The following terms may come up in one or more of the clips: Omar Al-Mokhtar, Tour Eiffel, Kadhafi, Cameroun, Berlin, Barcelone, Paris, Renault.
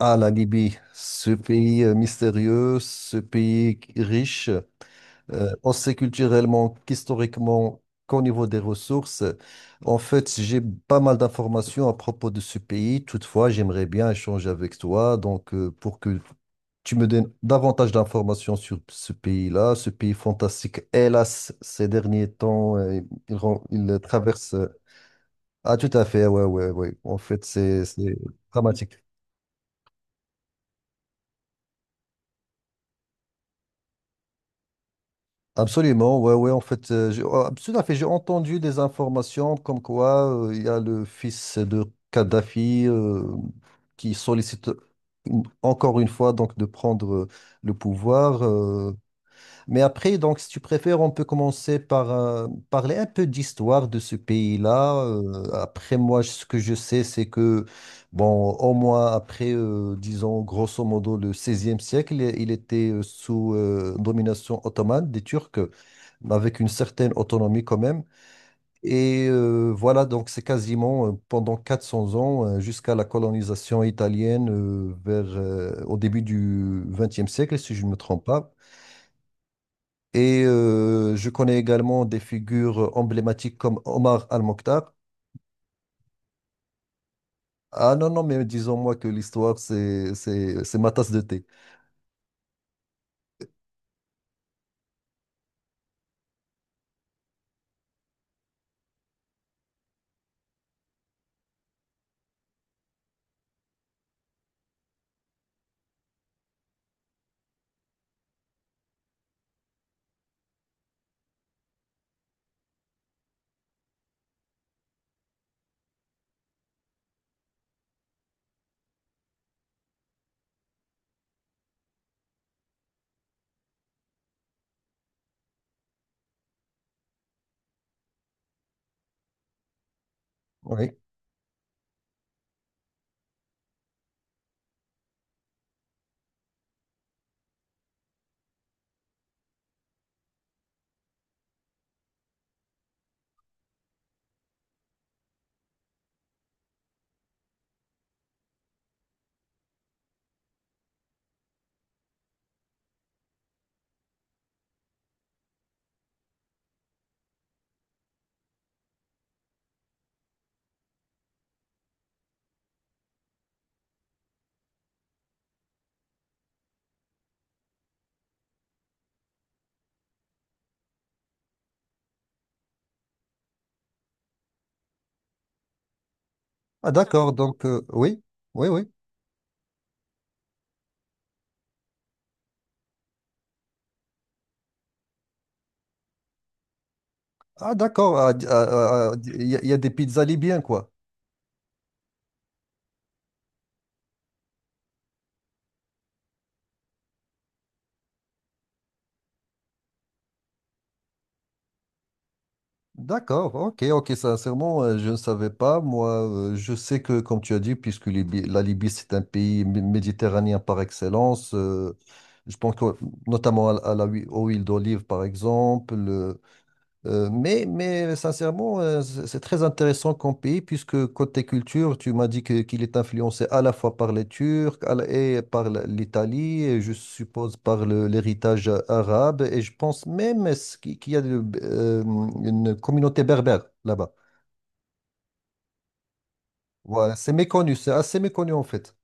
Ah, la Libye, ce pays mystérieux, ce pays riche, aussi culturellement qu'historiquement qu'au niveau des ressources. En fait, j'ai pas mal d'informations à propos de ce pays. Toutefois, j'aimerais bien échanger avec toi, donc pour que tu me donnes davantage d'informations sur ce pays-là, ce pays fantastique. Hélas, ces derniers temps, il traverse. Ah, tout à fait, ouais, ouais, ouais. En fait, c'est dramatique. Absolument, ouais, ouais, en fait, oh, tout à fait, j'ai entendu des informations comme quoi il y a le fils de Kadhafi qui sollicite encore une fois donc de prendre le pouvoir. Mais après, donc, si tu préfères, on peut commencer par parler un peu d'histoire de ce pays-là. Après, moi, ce que je sais, c'est que, bon, au moins après, disons, grosso modo, le 16e siècle, il était sous domination ottomane des Turcs, mais avec une certaine autonomie quand même. Et voilà, donc c'est quasiment pendant 400 ans, jusqu'à la colonisation italienne vers, au début du XXe siècle, si je ne me trompe pas. Et je connais également des figures emblématiques comme Omar Al-Mokhtar. Ah non, non, mais disons-moi que l'histoire, c'est ma tasse de thé. Oui. Ah d'accord, donc oui, oui, oui. Ah d'accord, il y a des pizzas libyens, quoi. D'accord, ok, ok, sincèrement, je ne savais pas. Moi, je sais que, comme tu as dit, puisque la Libye, c'est un pays méditerranéen par excellence, je pense que, notamment à la aux huiles d'olive, par exemple, mais sincèrement, c'est très intéressant comme pays, puisque côté culture, tu m'as qu'il est influencé à la fois par les Turcs et par l'Italie, et je suppose par l'héritage arabe, et je pense même est-ce qu'il y a une communauté berbère là-bas. Voilà, c'est méconnu, c'est assez méconnu en fait.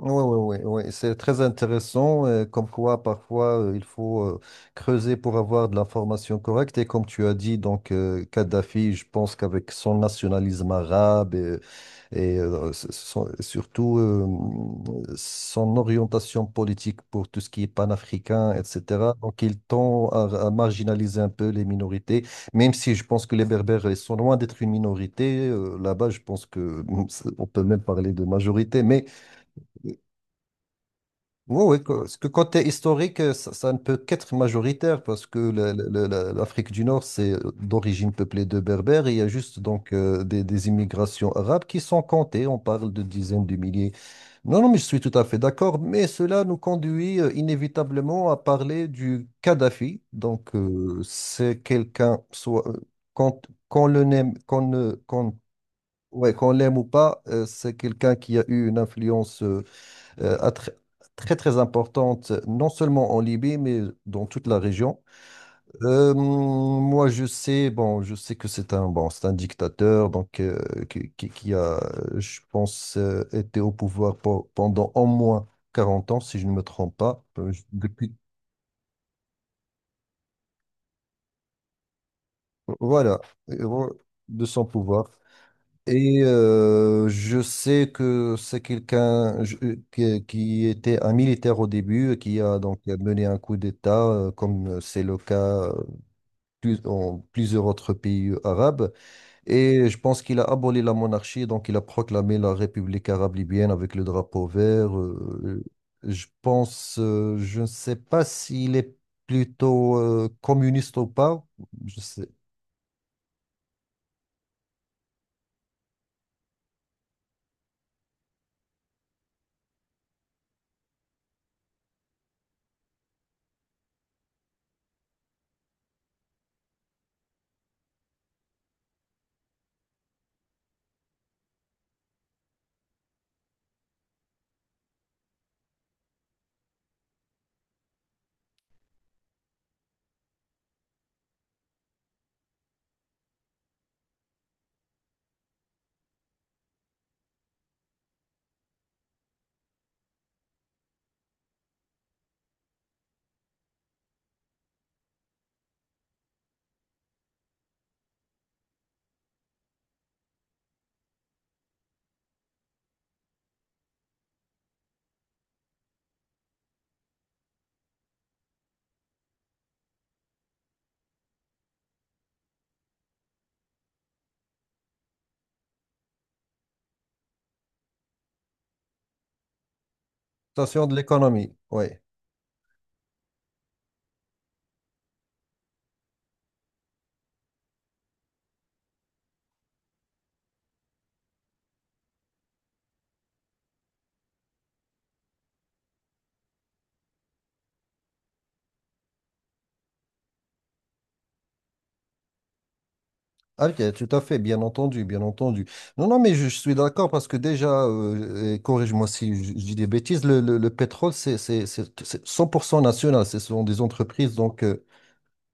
Oui, oui, oui, oui. C'est très intéressant, comme quoi parfois il faut creuser pour avoir de l'information correcte. Et comme tu as dit, donc Kadhafi, je pense qu'avec son nationalisme arabe et, surtout son orientation politique pour tout ce qui est panafricain, etc., donc il tend à marginaliser un peu les minorités, même si je pense que les Berbères ils sont loin d'être une minorité. Là-bas, je pense que on peut même parler de majorité, mais. Oui, oui, parce que côté historique, ça ne peut qu'être majoritaire parce que l'Afrique du Nord, c'est d'origine peuplée de Berbères et il y a juste donc des immigrations arabes qui sont comptées. On parle de dizaines de milliers. Non, non, mais je suis tout à fait d'accord, mais cela nous conduit inévitablement à parler du Kadhafi. Donc, c'est quelqu'un, soit qu'on qu'on le n'aime, qu'on ne, qu'on, ouais, qu'on l'aime ou pas, c'est quelqu'un qui a eu une influence. Euh, à tr- très très importante, non seulement en Libye, mais dans toute la région. Moi, je sais, bon, je sais que c'est un, bon, c'est un dictateur, donc qui, qui a, je pense, été au pouvoir pendant au moins 40 ans, si je ne me trompe pas. Depuis, voilà, euh, de son pouvoir. Et je sais que c'est quelqu'un qui était un militaire au début, qui a donc mené un coup d'État, comme c'est le cas en plusieurs autres pays arabes. Et je pense qu'il a aboli la monarchie, donc il a proclamé la République arabe libyenne avec le drapeau vert. Je pense, je ne sais pas s'il est plutôt communiste ou pas. Je sais. Station de l'économie, oui. Ah, ok, tout à fait, bien entendu, bien entendu. Non, non, mais je suis d'accord parce que déjà, et corrige-moi si je, je dis des bêtises, le pétrole, c'est 100% national, ce sont des entreprises. Donc,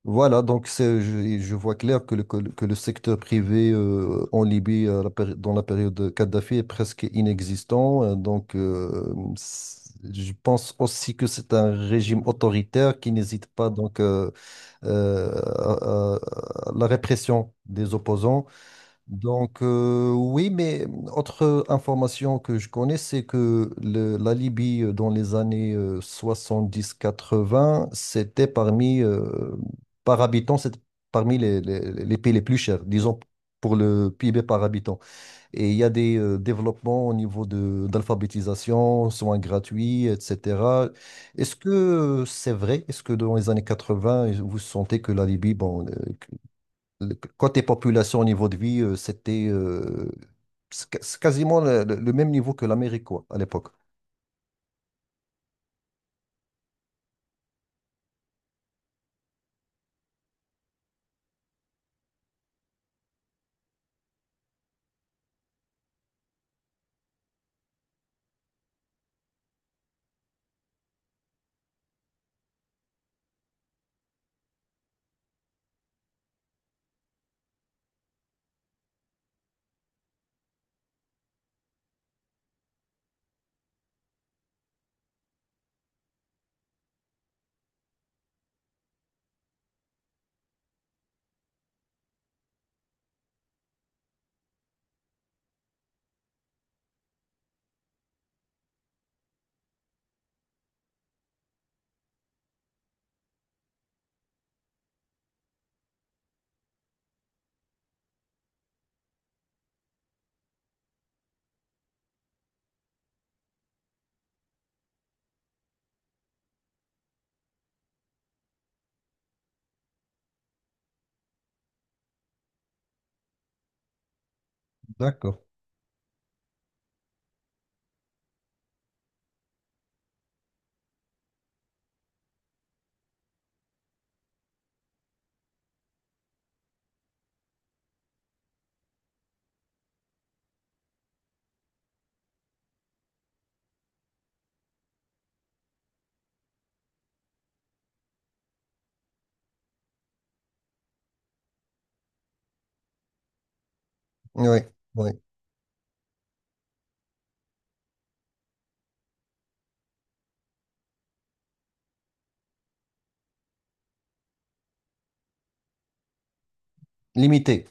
voilà, donc je vois clair que le que le secteur privé en Libye, dans la période de Kadhafi, est presque inexistant. Donc, je pense aussi que c'est un régime autoritaire qui n'hésite pas donc, euh, à la répression des opposants. Donc, oui, mais autre information que je connais, c'est que la Libye, dans les années 70-80, c'était parmi, par habitant, c'était parmi les pays les plus chers, disons, pour le PIB par habitant. Et il y a des développements au niveau de, d'alphabétisation, soins gratuits, etc. Est-ce que c'est vrai? Est-ce que dans les années 80, vous sentez que la Libye, bon, côté population, niveau de vie, c'était c'est quasiment le même niveau que l'Amérique, quoi, à l'époque. D'accord. Oui, oui. Limité.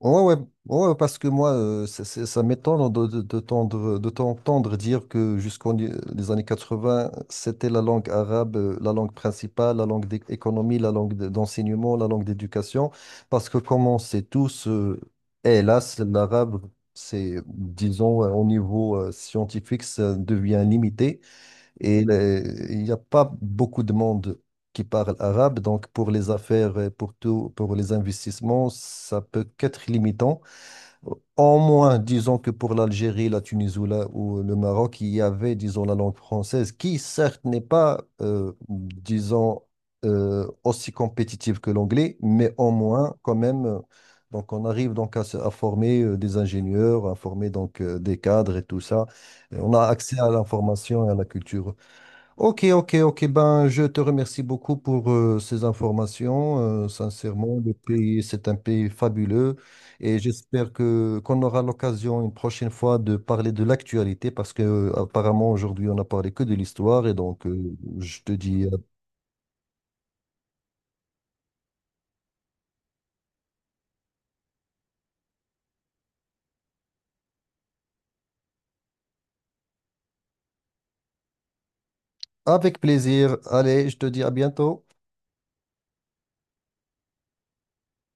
Ouais, ouais, ouais, parce que moi, ça m'étonne de t'entendre dire que jusqu'aux les années 80, c'était la langue arabe, la langue principale, la langue d'économie, la langue d'enseignement, la langue d'éducation, parce que comme on sait tous, hélas, l'arabe, c'est, disons, au niveau scientifique, ça devient limité. Et il n'y a pas beaucoup de monde qui parle arabe, donc pour les affaires, pour tout, pour les investissements, ça peut qu'être limitant. En moins, disons que pour l'Algérie, la Tunisie ou, ou le Maroc, il y avait, disons, la langue française, qui certes n'est pas, disons, aussi compétitive que l'anglais, mais en moins, quand même, donc on arrive donc à, à former des ingénieurs, à former donc des cadres et tout ça. Et on a accès à l'information et à la culture. Ok, ok, ok. Ben, je te remercie beaucoup pour ces informations. Sincèrement, le pays, c'est un pays fabuleux et j'espère que qu'on aura l'occasion une prochaine fois de parler de l'actualité parce que apparemment aujourd'hui on n'a parlé que de l'histoire et donc je te dis avec plaisir. Allez, je te dis à bientôt.